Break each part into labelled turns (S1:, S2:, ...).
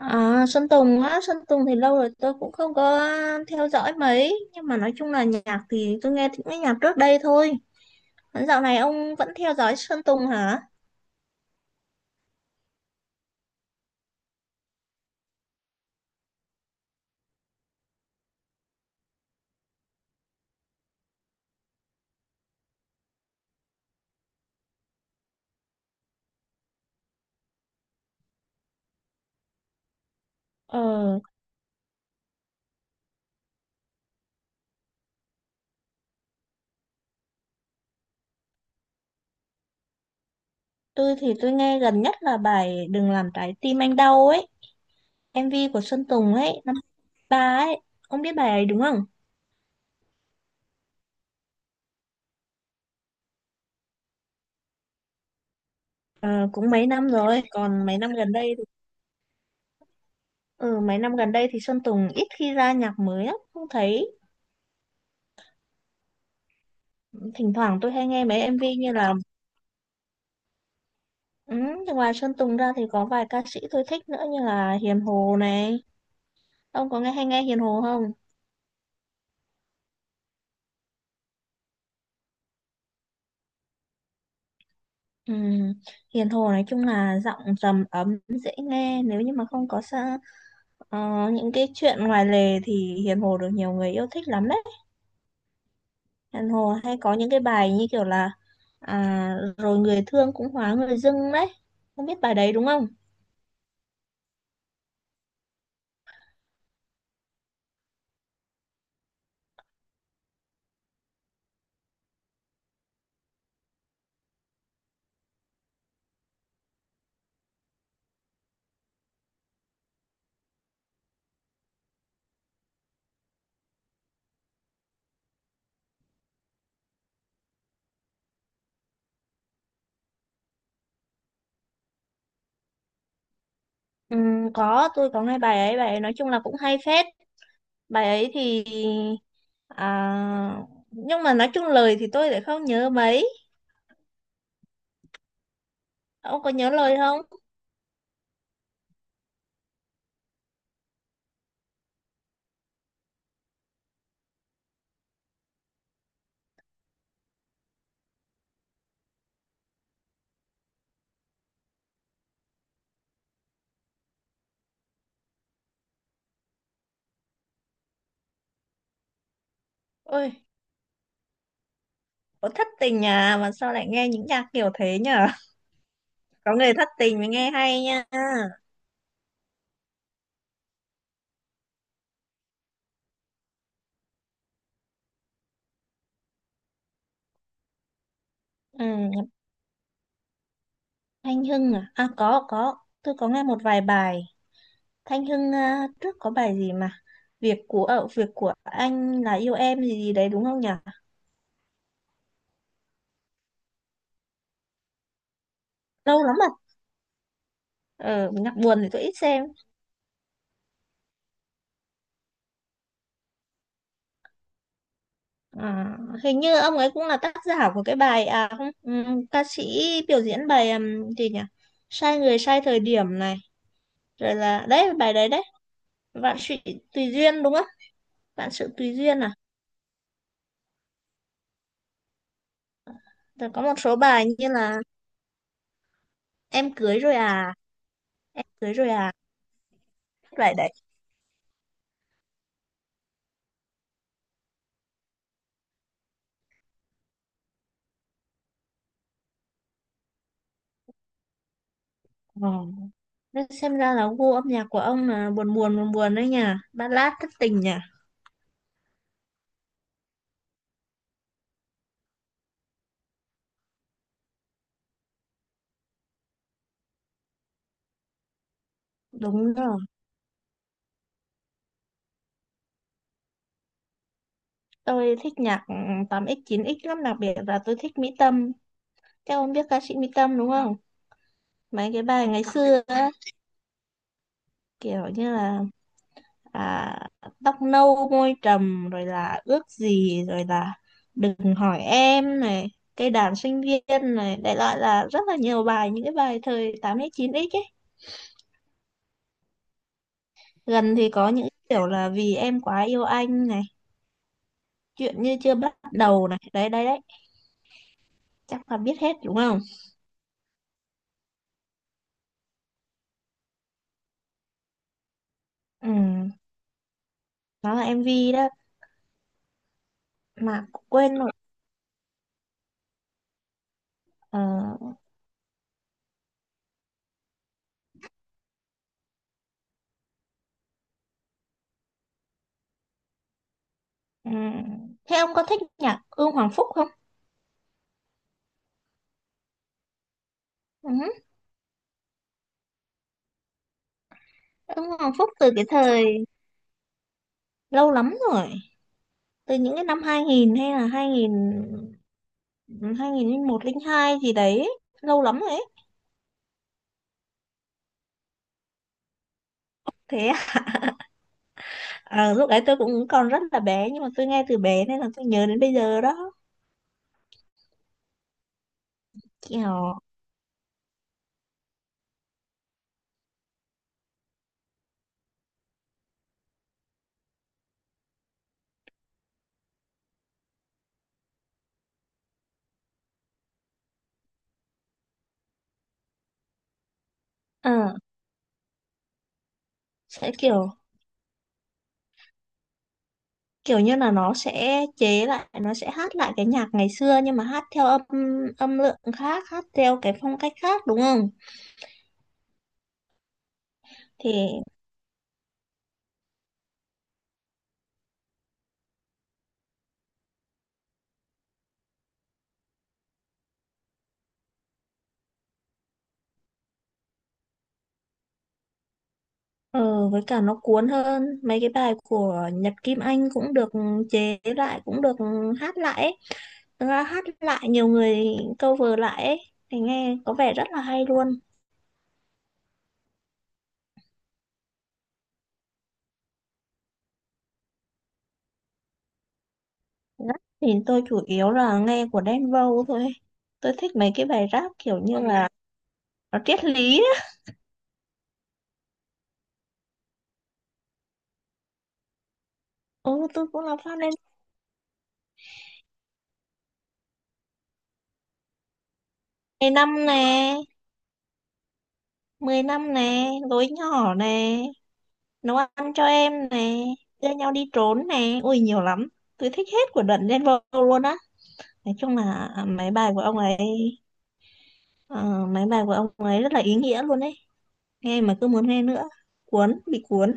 S1: À, Sơn Tùng á, Sơn Tùng thì lâu rồi tôi cũng không có theo dõi mấy. Nhưng mà nói chung là nhạc thì tôi nghe những cái nhạc trước đây thôi. Còn dạo này ông vẫn theo dõi Sơn Tùng hả? Ờ, tôi thì tôi nghe gần nhất là bài Đừng làm trái tim anh đau ấy, MV của Sơn Tùng ấy, năm ba ấy. Ông biết bài ấy đúng không? Ờ, cũng mấy năm rồi, còn mấy năm gần đây thì... Ừ, mấy năm gần đây thì Sơn Tùng ít khi ra nhạc mới lắm. Không thấy, thỉnh thoảng tôi hay nghe mấy MV như là... Ừ, thì ngoài Sơn Tùng ra thì có vài ca sĩ tôi thích nữa như là Hiền Hồ này. Ông có nghe hay nghe Hiền Hồ không? Ừ, Hiền Hồ nói chung là giọng trầm ấm dễ nghe, nếu như mà không có sa, ờ, những cái chuyện ngoài lề thì Hiền Hồ được nhiều người yêu thích lắm đấy. Hiền Hồ hay có những cái bài như kiểu là rồi người thương cũng hóa người dưng đấy. Không biết bài đấy đúng không? Ừ, có, tôi có nghe bài ấy, bài ấy nói chung là cũng hay phết. Bài ấy thì... À, nhưng mà nói chung lời thì tôi lại không nhớ mấy. Ông có nhớ lời không? Ôi, có thất tình à mà sao lại nghe những nhạc kiểu thế nhở? Có người thất tình mới nghe hay nha. Ừ, Thanh Hưng à? À có, tôi có nghe một vài bài. Thanh Hưng à, trước có bài gì mà việc của, ở việc của anh là yêu em gì gì đấy đúng không nhở? Lâu lắm rồi. Ờ, nhạc buồn thì tôi ít xem. À, hình như ông ấy cũng là tác giả của cái bài, à không, ca sĩ biểu diễn bài, gì nhỉ, sai người sai thời điểm này, rồi là đấy bài đấy đấy, vạn sự tùy duyên đúng không, vạn sự tùy duyên à, rồi có một số bài như là em cưới rồi à, em cưới rồi à, cái bài đấy. Ờ. Nên xem ra là gu âm nhạc của ông là buồn buồn buồn buồn đấy nhỉ, ballad thất tình nhỉ. Đúng rồi, tôi thích nhạc 8x 9x lắm, đặc biệt là tôi thích Mỹ Tâm. Các ông biết ca sĩ Mỹ Tâm đúng không? Mấy cái bài ngày xưa á, kiểu như là à, tóc nâu môi trầm, rồi là ước gì, rồi là đừng hỏi em này, cây đàn sinh viên này, đại loại là rất là nhiều bài, những cái bài thời tám x chín x ấy. Gần thì có những kiểu là vì em quá yêu anh này, chuyện như chưa bắt đầu này, đấy đấy đấy, chắc là biết hết đúng không. Ừ, đó là em MV đó mà quên rồi. ờ, ừ. Thế ông có thích nhạc Ưng Hoàng Phúc không? Ừ. Ưng Hoàng Phúc từ cái thời lâu lắm rồi, từ những cái năm 2000 hay là 2000 2001 02 gì đấy, lâu lắm rồi ấy. Thế à, lúc đấy tôi cũng còn rất là bé nhưng mà tôi nghe từ bé nên là tôi nhớ đến bây giờ đó. Kiểu ờ, sẽ kiểu, kiểu như là nó sẽ chế lại, nó sẽ hát lại cái nhạc ngày xưa nhưng mà hát theo âm, âm lượng khác, hát theo cái phong cách khác đúng không. Thì... Ờ, với cả nó cuốn hơn. Mấy cái bài của Nhật Kim Anh cũng được, chế lại cũng được, hát lại ấy. Thực ra hát lại nhiều người cover lại ấy. Thì nghe có vẻ rất là hay luôn. Rap thì tôi chủ yếu là nghe của Đen Vâu thôi. Tôi thích mấy cái bài rap kiểu như là nó triết lý á. Ừ, tôi cũng là fan Đen, 10 năm nè, 10 năm nè, gối nhỏ nè, nấu ăn cho em nè, đưa nhau đi trốn nè, ui nhiều lắm. Tôi thích hết của đợt Đen Vâu luôn á, nói chung là mấy bài của ông ấy, ờ, mấy bài của ông ấy rất là ý nghĩa luôn ấy, nghe mà cứ muốn nghe nữa, cuốn, bị cuốn.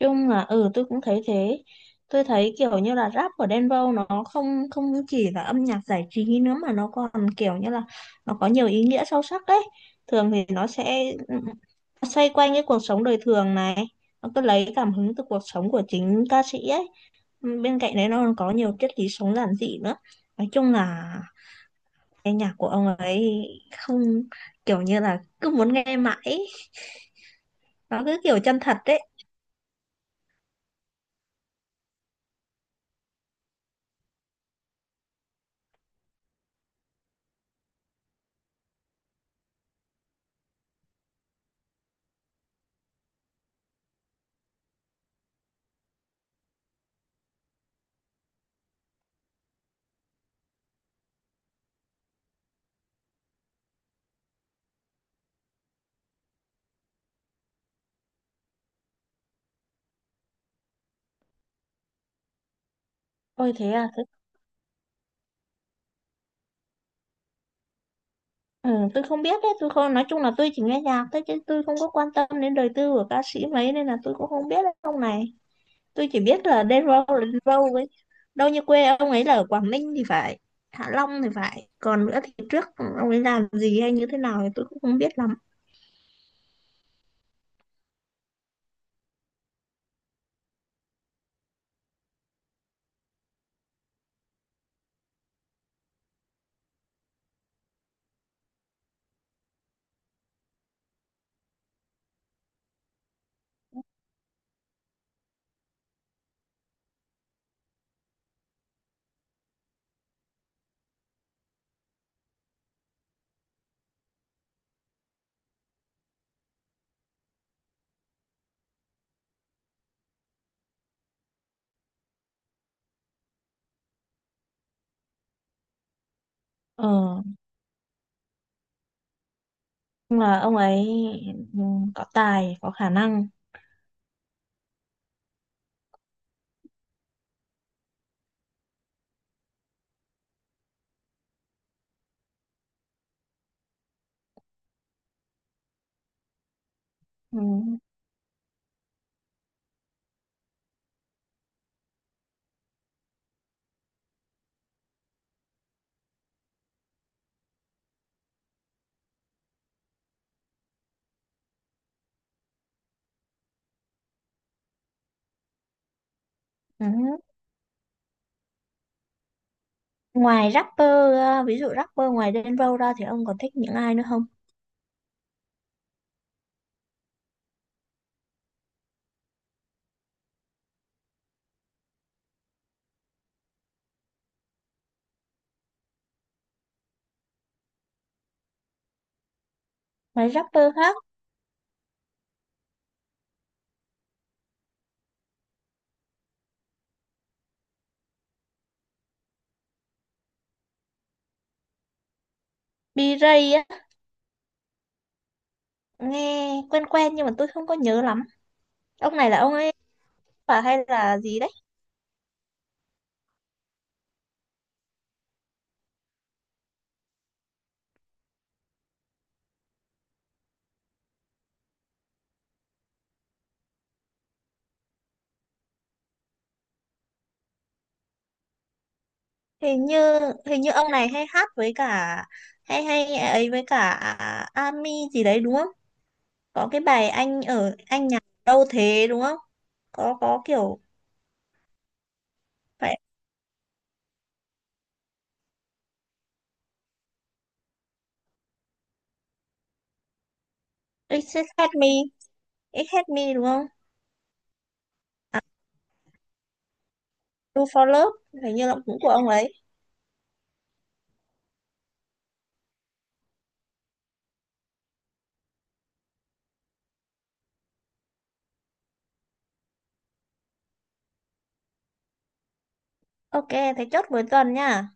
S1: Chung là ừ tôi cũng thấy thế, tôi thấy kiểu như là rap của Đen Vâu nó không không chỉ là âm nhạc giải trí nữa mà nó còn kiểu như là nó có nhiều ý nghĩa sâu sắc đấy. Thường thì nó sẽ xoay quanh cái cuộc sống đời thường này, nó cứ lấy cảm hứng từ cuộc sống của chính ca sĩ ấy, bên cạnh đấy nó còn có nhiều triết lý sống giản dị nữa. Nói chung là cái nhạc của ông ấy không, kiểu như là cứ muốn nghe mãi ấy. Nó cứ kiểu chân thật đấy. Ôi thế à, thế, ừ, tôi không biết đấy, tôi không, nói chung là tôi chỉ nghe nhạc thôi chứ tôi không có quan tâm đến đời tư của ca sĩ mấy, nên là tôi cũng không biết đấy ông này. Tôi chỉ biết là Đen Vâu ấy. Đâu như quê ông ấy là ở Quảng Ninh thì phải, Hạ Long thì phải. Còn nữa thì trước ông ấy làm gì hay như thế nào thì tôi cũng không biết lắm. Ờ, nhưng mà ông ấy, ừ, có tài, có khả năng. Ừ. Ừ. Ngoài rapper, ờ, ví dụ rapper ngoài Denver ra thì ông còn thích những ai nữa không? Ngoài rapper khác, B-Ray á, nghe quen quen nhưng mà tôi không có nhớ lắm. Ông này là ông ấy và hay là gì đấy? Hình như, ông này hay hát với cả hay hay ấy, với cả Ami gì đấy đúng không? Có cái bài anh ở anh nhà đâu thế đúng không? Có kiểu phải, It's Hate Me, It's Hate Me đúng không? À, Do For Love hình như là cũng của ông ấy. Ok, thế chốt cuối tuần nha.